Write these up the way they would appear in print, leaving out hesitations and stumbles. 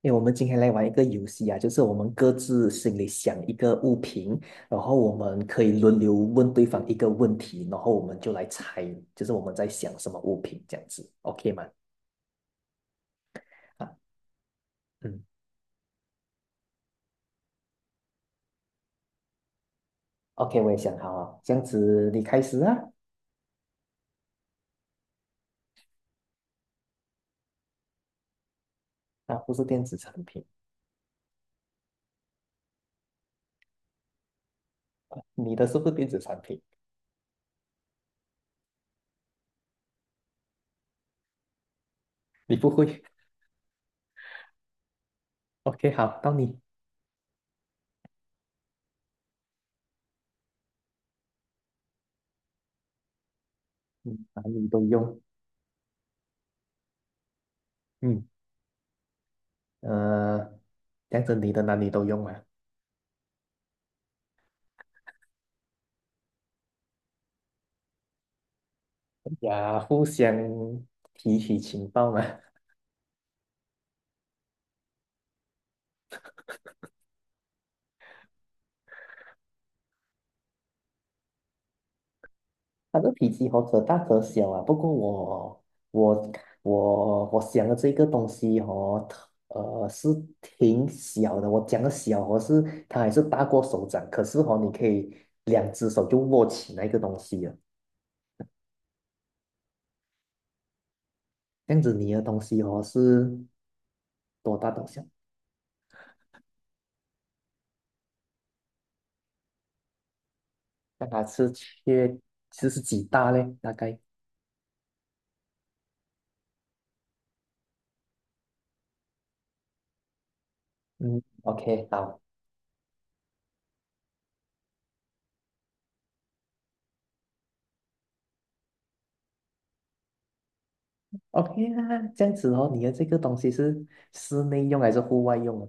因为我们今天来玩一个游戏啊，就是我们各自心里想一个物品，然后我们可以轮流问对方一个问题，然后我们就来猜，就是我们在想什么物品这样子，OK 吗？啊，嗯，OK，我也想好了，这样子你开始啊。啊，不是电子产品，你的是不是电子产品？你不会？OK，好，到你，嗯，男女都用，嗯，呃，这样子你的男女都用啊，呀，互相提取情报嘛。他的体积哦，可大可小啊。不过我我想的这个东西哦，是挺小的。我讲的小哦，是它还是大过手掌，可是哦，你可以两只手就握起那个东西了。这样子你的东西哦是多大多小？那它是其实是几大嘞？大概嗯，OK，好，OK 啦。这样子哦，你的这个东西是室内用还是户外用啊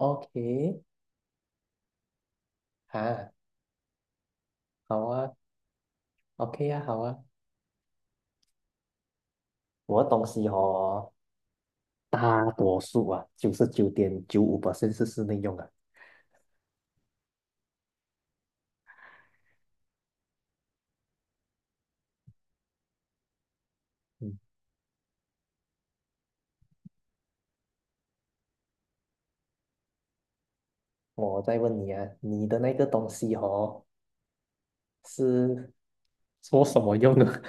？OK，啊，好啊。OK 啊，好啊，我的东西哦，大多数啊，99.95是室内用的。嗯，我再问你啊，你的那个东西哦，是做什么用的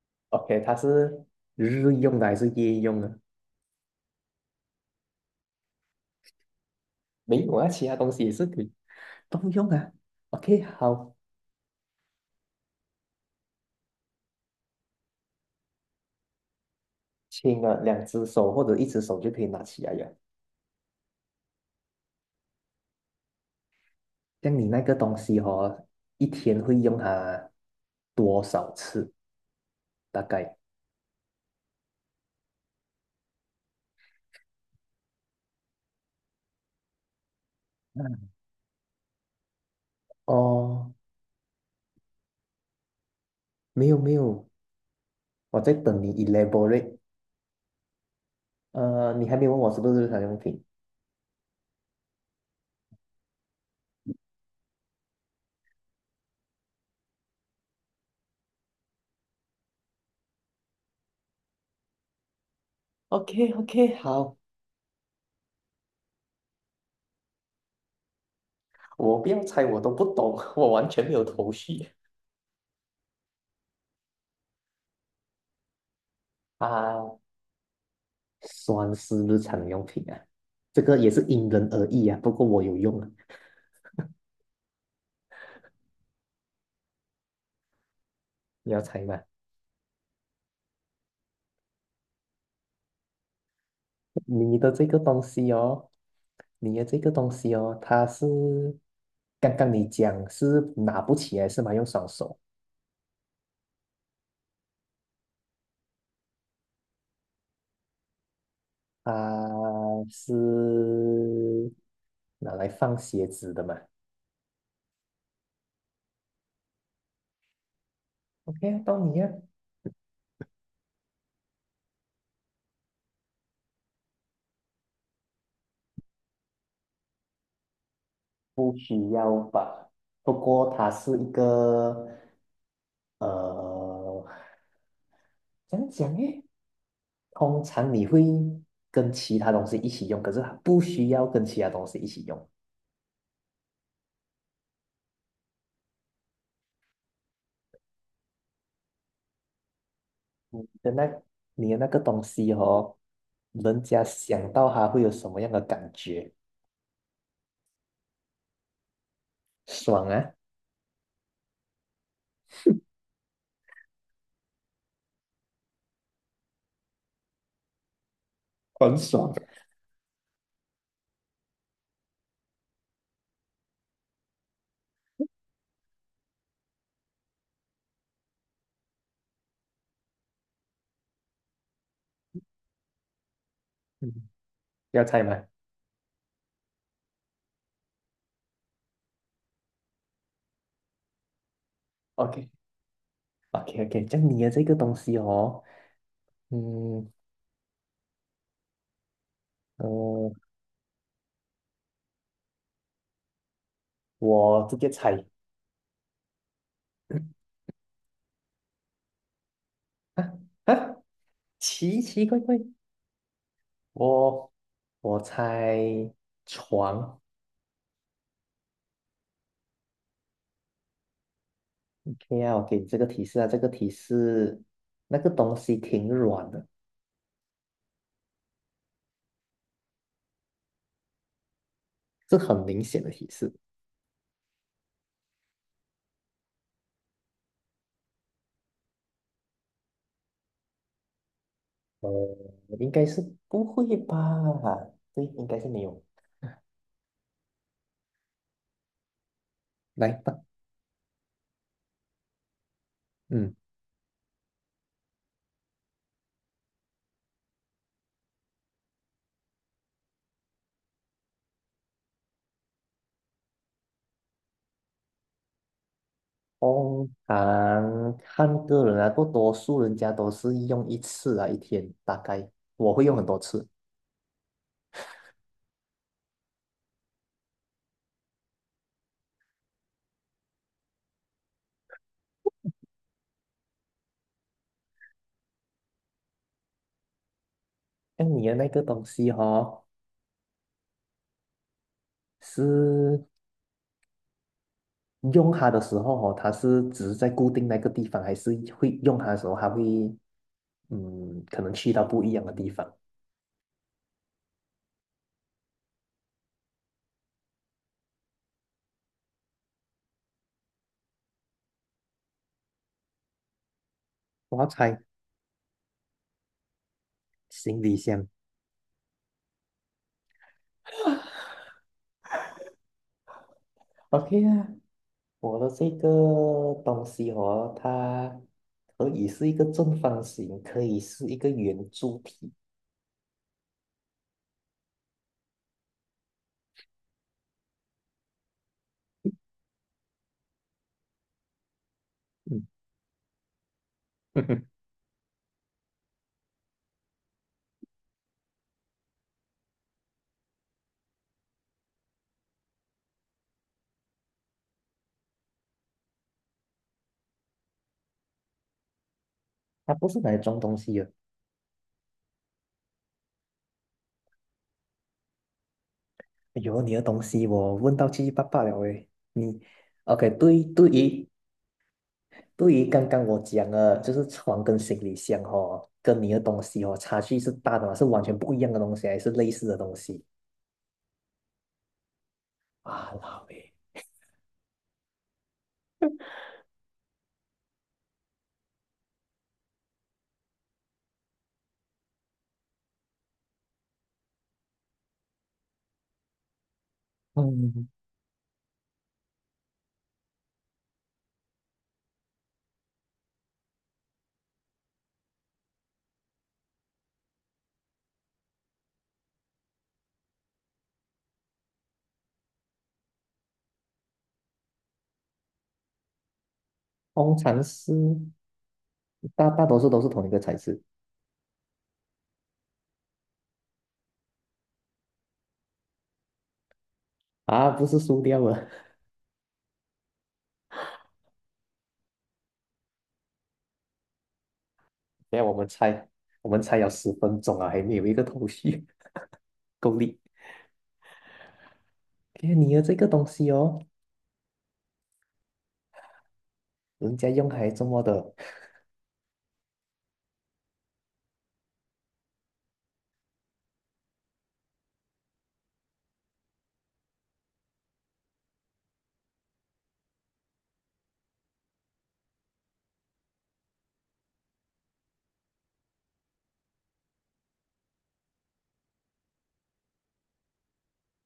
？OK，它是日用的还是夜用的？没有啊，其他东西也是可以都用啊。OK，好，轻了两只手或者一只手就可以拿起来了。像你那个东西哦，一天会用它多少次？大概？哦，没有没有，我在等你 elaborate。你还没问我是不是日常用品 o k o k 好，我不要猜，我都不懂，我完全没有头绪啊。算是日常用品啊，这个也是因人而异啊。不过我有用啊，你要猜吗？你的这个东西哦，你的这个东西哦，它是刚刚你讲是拿不起来是吗？用双手，啊，是拿来放鞋子的嘛？OK 啊到你啊。不需要吧？不过它是一个呃，怎样讲诶？通常你会跟其他东西一起用，可是它不需要跟其他东西一起用。的那你的那个东西哦，人家想到它会有什么样的感觉？爽啊，很爽。嗯，要猜吗 o k o k o k 这样你的这个东西哦，嗯呃，我直接猜。啊啊，奇奇怪怪，我我猜床，OK 啊，我给你这个提示啊，这个提示那个东西挺软的，这很明显的提示。呃，应该是不会吧？对，应该是没有。来吧，嗯，通常看个人啊，不多数人家都是用一次啊，一天大概我会用很多次。像你的那个东西哈是。用它的时候哦，它是只是在固定那个地方，还是会用它的时候，它会嗯，可能去到不一样的地方我要猜行李箱，？OK 啊，我的这个东西哦，它可以是一个正方形，可以是一个圆柱体，嗯，它不是拿来装东西的。哎呦你的东西我问到七七八八了诶，你 OK？对对于对于刚刚我讲的，就是床跟行李箱哦，跟你的东西哦，差距是大的嘛，是完全不一样的东西，还是类似的东西？啊，老诶，嗯，通常是大多数都是同一个材质啊，不是塑料啊。等下我们猜，我们猜有10分钟啊，还没有一个头绪，够力。看你的这个东西哦，人家用还这么的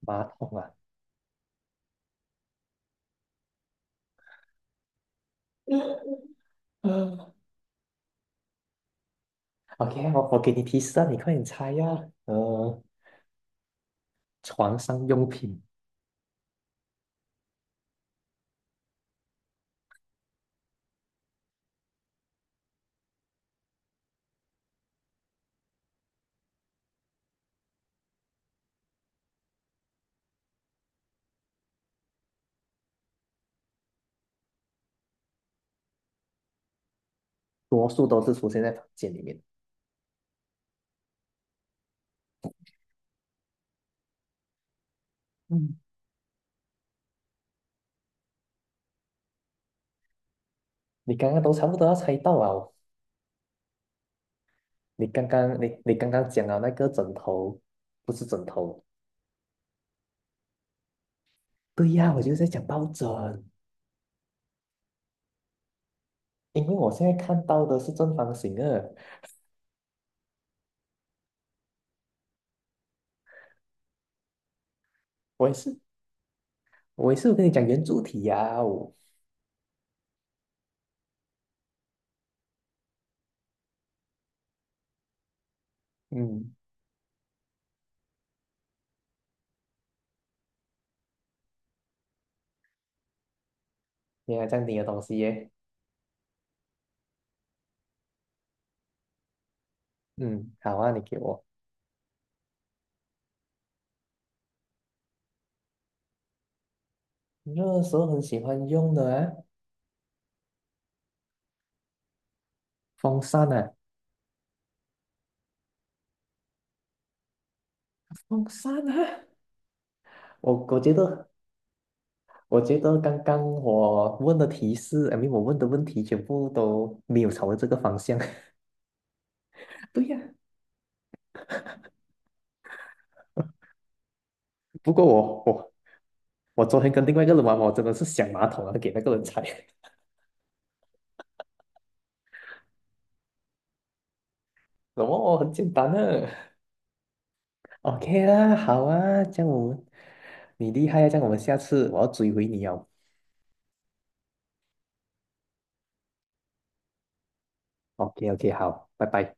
马桶啊。嗯，OK，我给你提示啊，你快点猜呀、床上用品。多数都是出现在房间里面。嗯，你刚刚都差不多要猜到啊！你刚刚讲了那个枕头，不是枕头。对呀，我就是在讲抱枕，因为我现在看到的是正方形的。我也是，我也是有跟你讲圆柱体呀、哦。嗯，原来这样你的东西耶。嗯，好啊，你给我。热个时候很喜欢用的啊，风扇啊，风扇啊。我我觉得我觉得刚刚我问的提示，I mean，我问的问题全部都没有朝着这个方向。对呀、不过我昨天跟另外一个人玩，我真的是想马桶啊，给那个人踩。什么？哦很简单的。OK 啦，好啊，这样我们你厉害啊，这样我们下次我要追回你哦。OK OK，好，拜拜。